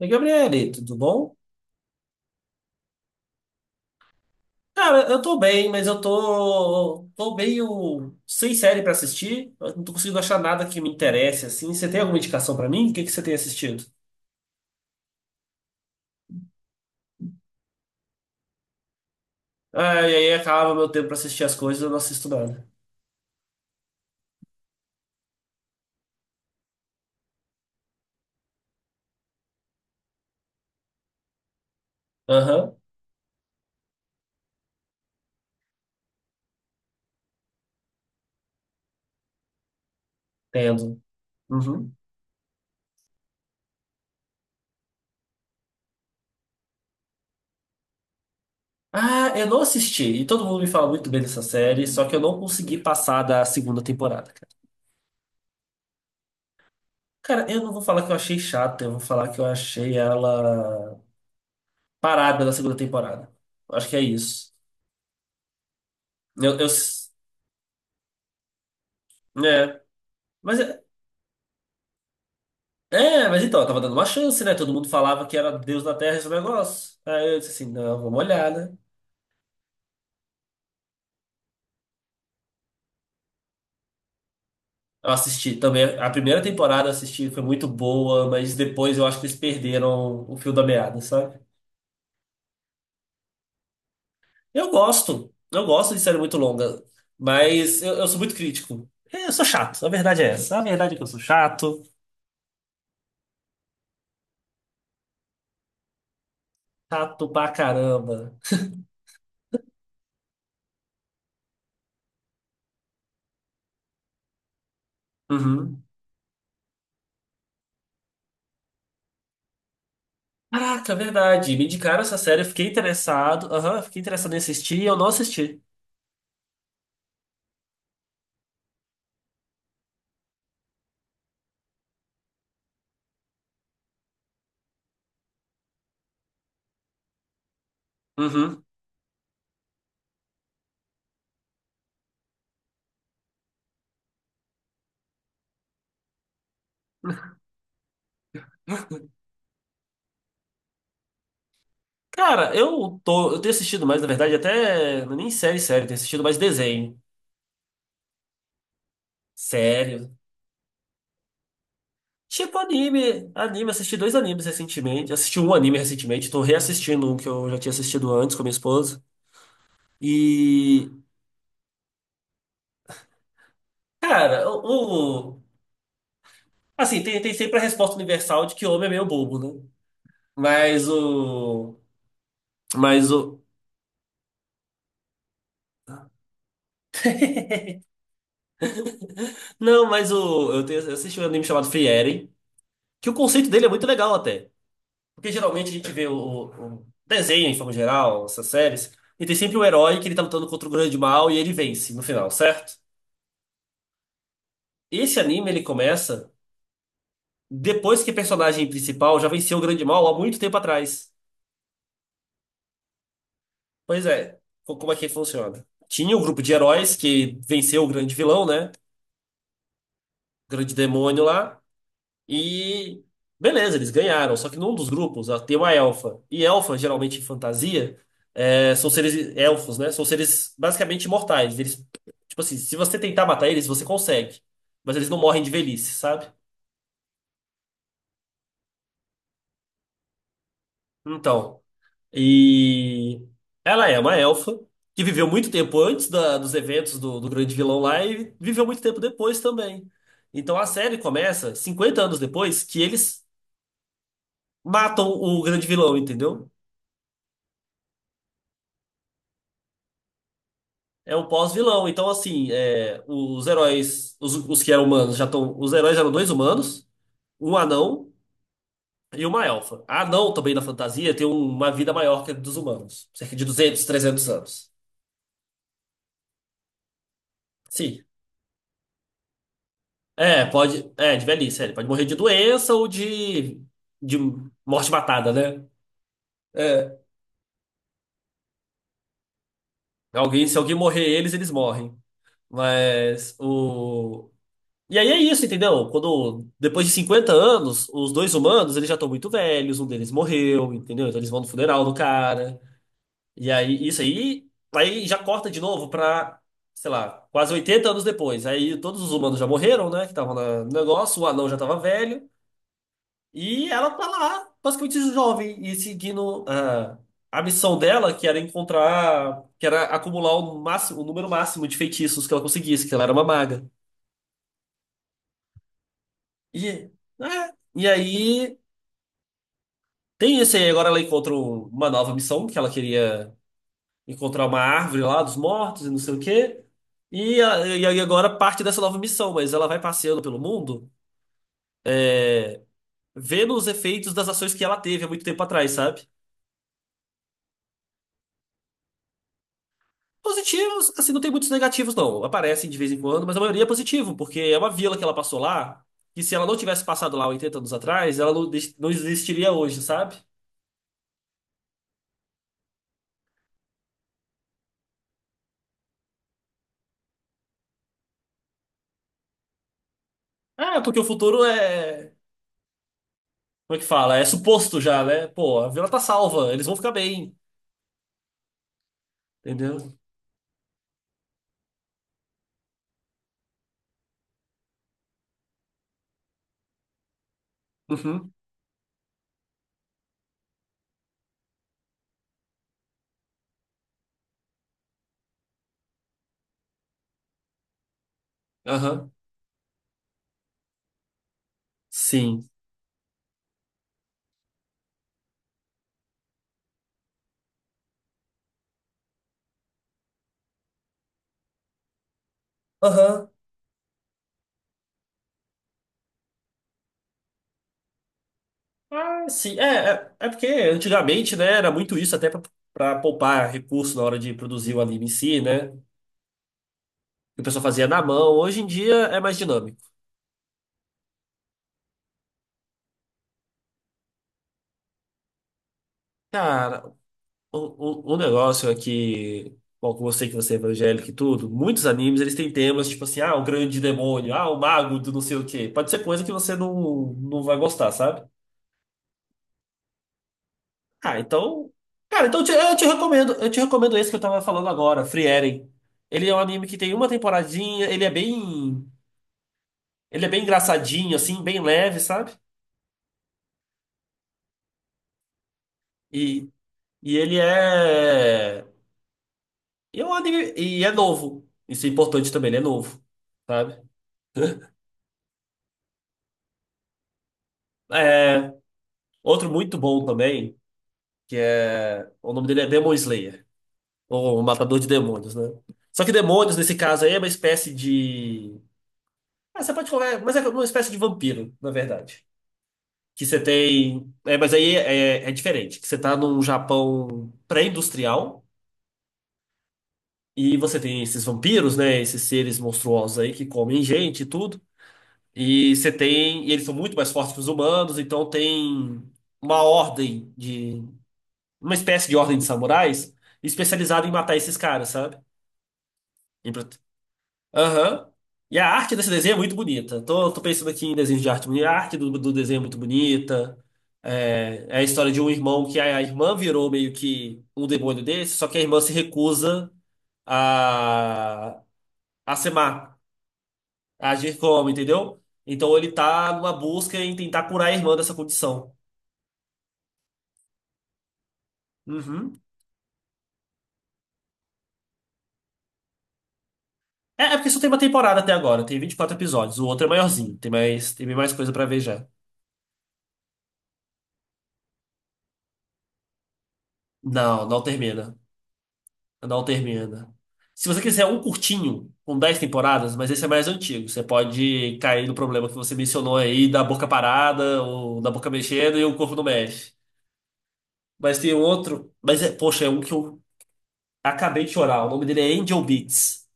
Oi, Gabriele, tudo bom? Cara, eu tô bem, mas eu tô meio sem série pra assistir. Eu não tô conseguindo achar nada que me interesse, assim. Você tem alguma indicação pra mim? O que que você tem assistido? Ah, e aí acaba meu tempo pra assistir as coisas, eu não assisto nada. Aham, entendo. Uhum. Ah, eu não assisti. E todo mundo me fala muito bem dessa série, só que eu não consegui passar da segunda temporada, cara. Cara, eu não vou falar que eu achei chata, eu vou falar que eu achei ela parada na segunda temporada. Acho que é isso. Eu, eu- É. Mas é, é, mas então, eu tava dando uma chance, né? Todo mundo falava que era Deus da Terra esse negócio. Aí eu disse assim, não, vamos olhar, né? Eu assisti também, a primeira temporada eu assisti, foi muito boa, mas depois eu acho que eles perderam o fio da meada, sabe? Eu gosto de série muito longa, mas eu sou muito crítico. É, eu sou chato, a verdade é essa. A verdade é que eu sou chato, chato pra caramba. Uhum. Caraca, é verdade. Me indicaram essa série, eu fiquei interessado. Aham, eu fiquei interessado em assistir e eu não assisti. Uhum. Cara, eu tenho assistido mais, na verdade, até não é nem série, tenho assistido mais desenho. Sério. Tipo anime, assisti dois animes recentemente, assisti um anime recentemente, tô reassistindo um que eu já tinha assistido antes com a minha esposa. E, cara, assim, tem sempre a resposta universal de que homem é meio bobo, né? Mas o mas o não, mas o eu, tenho, eu assisti um anime chamado Free Eren, que o conceito dele é muito legal até. Porque geralmente a gente vê o desenho, em forma geral, essas séries, e tem sempre o herói que ele tá lutando contra o grande mal e ele vence no final, certo? Esse anime ele começa depois que o personagem principal já venceu o grande mal há muito tempo atrás. Pois é, como é que funciona? Tinha um grupo de heróis que venceu o grande vilão, né? O grande demônio lá. E beleza, eles ganharam. Só que num dos grupos ó, tem uma elfa. E elfa, geralmente em fantasia, é, são seres elfos, né? São seres basicamente imortais. Eles, tipo assim, se você tentar matar eles, você consegue. Mas eles não morrem de velhice, sabe? Então, e ela é uma elfa que viveu muito tempo antes dos eventos do grande vilão lá e viveu muito tempo depois também. Então a série começa 50 anos depois que eles matam o grande vilão, entendeu? É um pós-vilão. Então, assim, é, os heróis, os que eram humanos, já estão. Os heróis eram dois humanos, um anão e uma elfa. A anão, também na fantasia, tem um, uma vida maior que a dos humanos, cerca de 200, 300 anos. Sim. É, pode. É, de velhice, é, ele pode morrer de doença ou de morte matada, né? É, alguém, se alguém morrer, eles morrem. Mas o, e aí é isso, entendeu? Quando, depois de 50 anos, os dois humanos, eles já estão muito velhos, um deles morreu, entendeu? Então eles vão no funeral do cara. E aí, isso aí, aí já corta de novo pra, sei lá, quase 80 anos depois. Aí todos os humanos já morreram, né? Que estavam no negócio, o anão já tava velho. E ela tá lá, basicamente jovem, e seguindo a missão dela, que era encontrar, que era acumular o máximo, o número máximo de feitiços que ela conseguisse, que ela era uma maga. E, é, e aí tem esse aí, agora ela encontra uma nova missão, que ela queria encontrar uma árvore lá dos mortos e não sei o quê. E, e aí agora parte dessa nova missão, mas ela vai passeando pelo mundo, é, vendo os efeitos das ações que ela teve há muito tempo atrás, sabe? Positivos, assim, não tem muitos negativos, não. Aparecem de vez em quando, mas a maioria é positivo, porque é uma vila que ela passou lá, que se ela não tivesse passado lá 80 anos atrás, ela não, não existiria hoje, sabe? Ah, porque o futuro é como é que fala? É suposto já, né? Pô, a vila tá salva, eles vão ficar bem, entendeu? Uhum, aham, sim. Aham. Ah, sim. É, é, é porque antigamente, né, era muito isso, até pra, pra poupar recurso na hora de produzir o anime em si, né? Que o pessoal fazia na mão. Hoje em dia é mais dinâmico. Cara, um, um negócio é que, bom, com você que você é evangélico e tudo, muitos animes eles têm temas tipo assim, ah, o grande demônio, ah, o mago do não sei o quê. Pode ser coisa que você não vai gostar, sabe? Ah, então. Cara, então eu te recomendo. Eu te recomendo esse que eu tava falando agora, Free Eren. Ele é um anime que tem uma temporadinha, ele é bem. Ele é bem engraçadinho, assim, bem leve, sabe? E, e ele é. E é um anime. E é novo. Isso é importante também, ele é novo, sabe? É, outro muito bom também, que é. O nome dele é Demon Slayer, ou Matador de Demônios, né? Só que demônios, nesse caso aí, é uma espécie de. Ah, você pode falar, mas é uma espécie de vampiro, na verdade. Que você tem. É, mas aí é, é diferente. Que você tá num Japão pré-industrial e você tem esses vampiros, né? Esses seres monstruosos aí que comem gente e tudo. E você tem. E eles são muito mais fortes que os humanos, então tem uma ordem de. Uma espécie de ordem de samurais especializada em matar esses caras, sabe? Aham. E a arte desse desenho é muito bonita. Tô pensando aqui em desenhos de arte bonita. A arte do desenho é muito bonita. É, é a história de um irmão que a irmã virou meio que um demônio desse, só que a irmã se recusa a, a ser má, a agir como, entendeu? Então ele tá numa busca em tentar curar a irmã dessa condição. Uhum. É, é porque só tem uma temporada até agora, tem 24 episódios. O outro é maiorzinho, tem mais coisa pra ver já. Não, não termina. Não termina. Se você quiser um curtinho, com 10 temporadas, mas esse é mais antigo, você pode cair no problema que você mencionou aí, da boca parada, ou da boca mexendo e o corpo não mexe. Mas tem outro, mas é, poxa, é um que eu acabei de chorar. O nome dele é Angel Beats.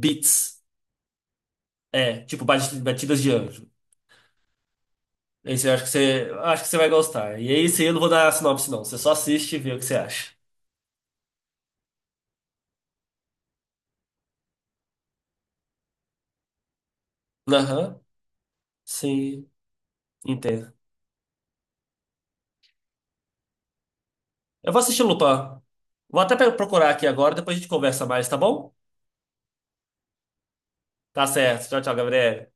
Beats. É, tipo batidas de anjo. Esse eu acho que você, eu acho que você vai gostar. E esse eu não vou dar sinopse, não. Você só assiste e vê o que você acha. Aham, sim, entendo. Eu vou assistir Lupin. Vou até procurar aqui agora, depois a gente conversa mais, tá bom? Tá certo. Tchau, tchau, Gabriel.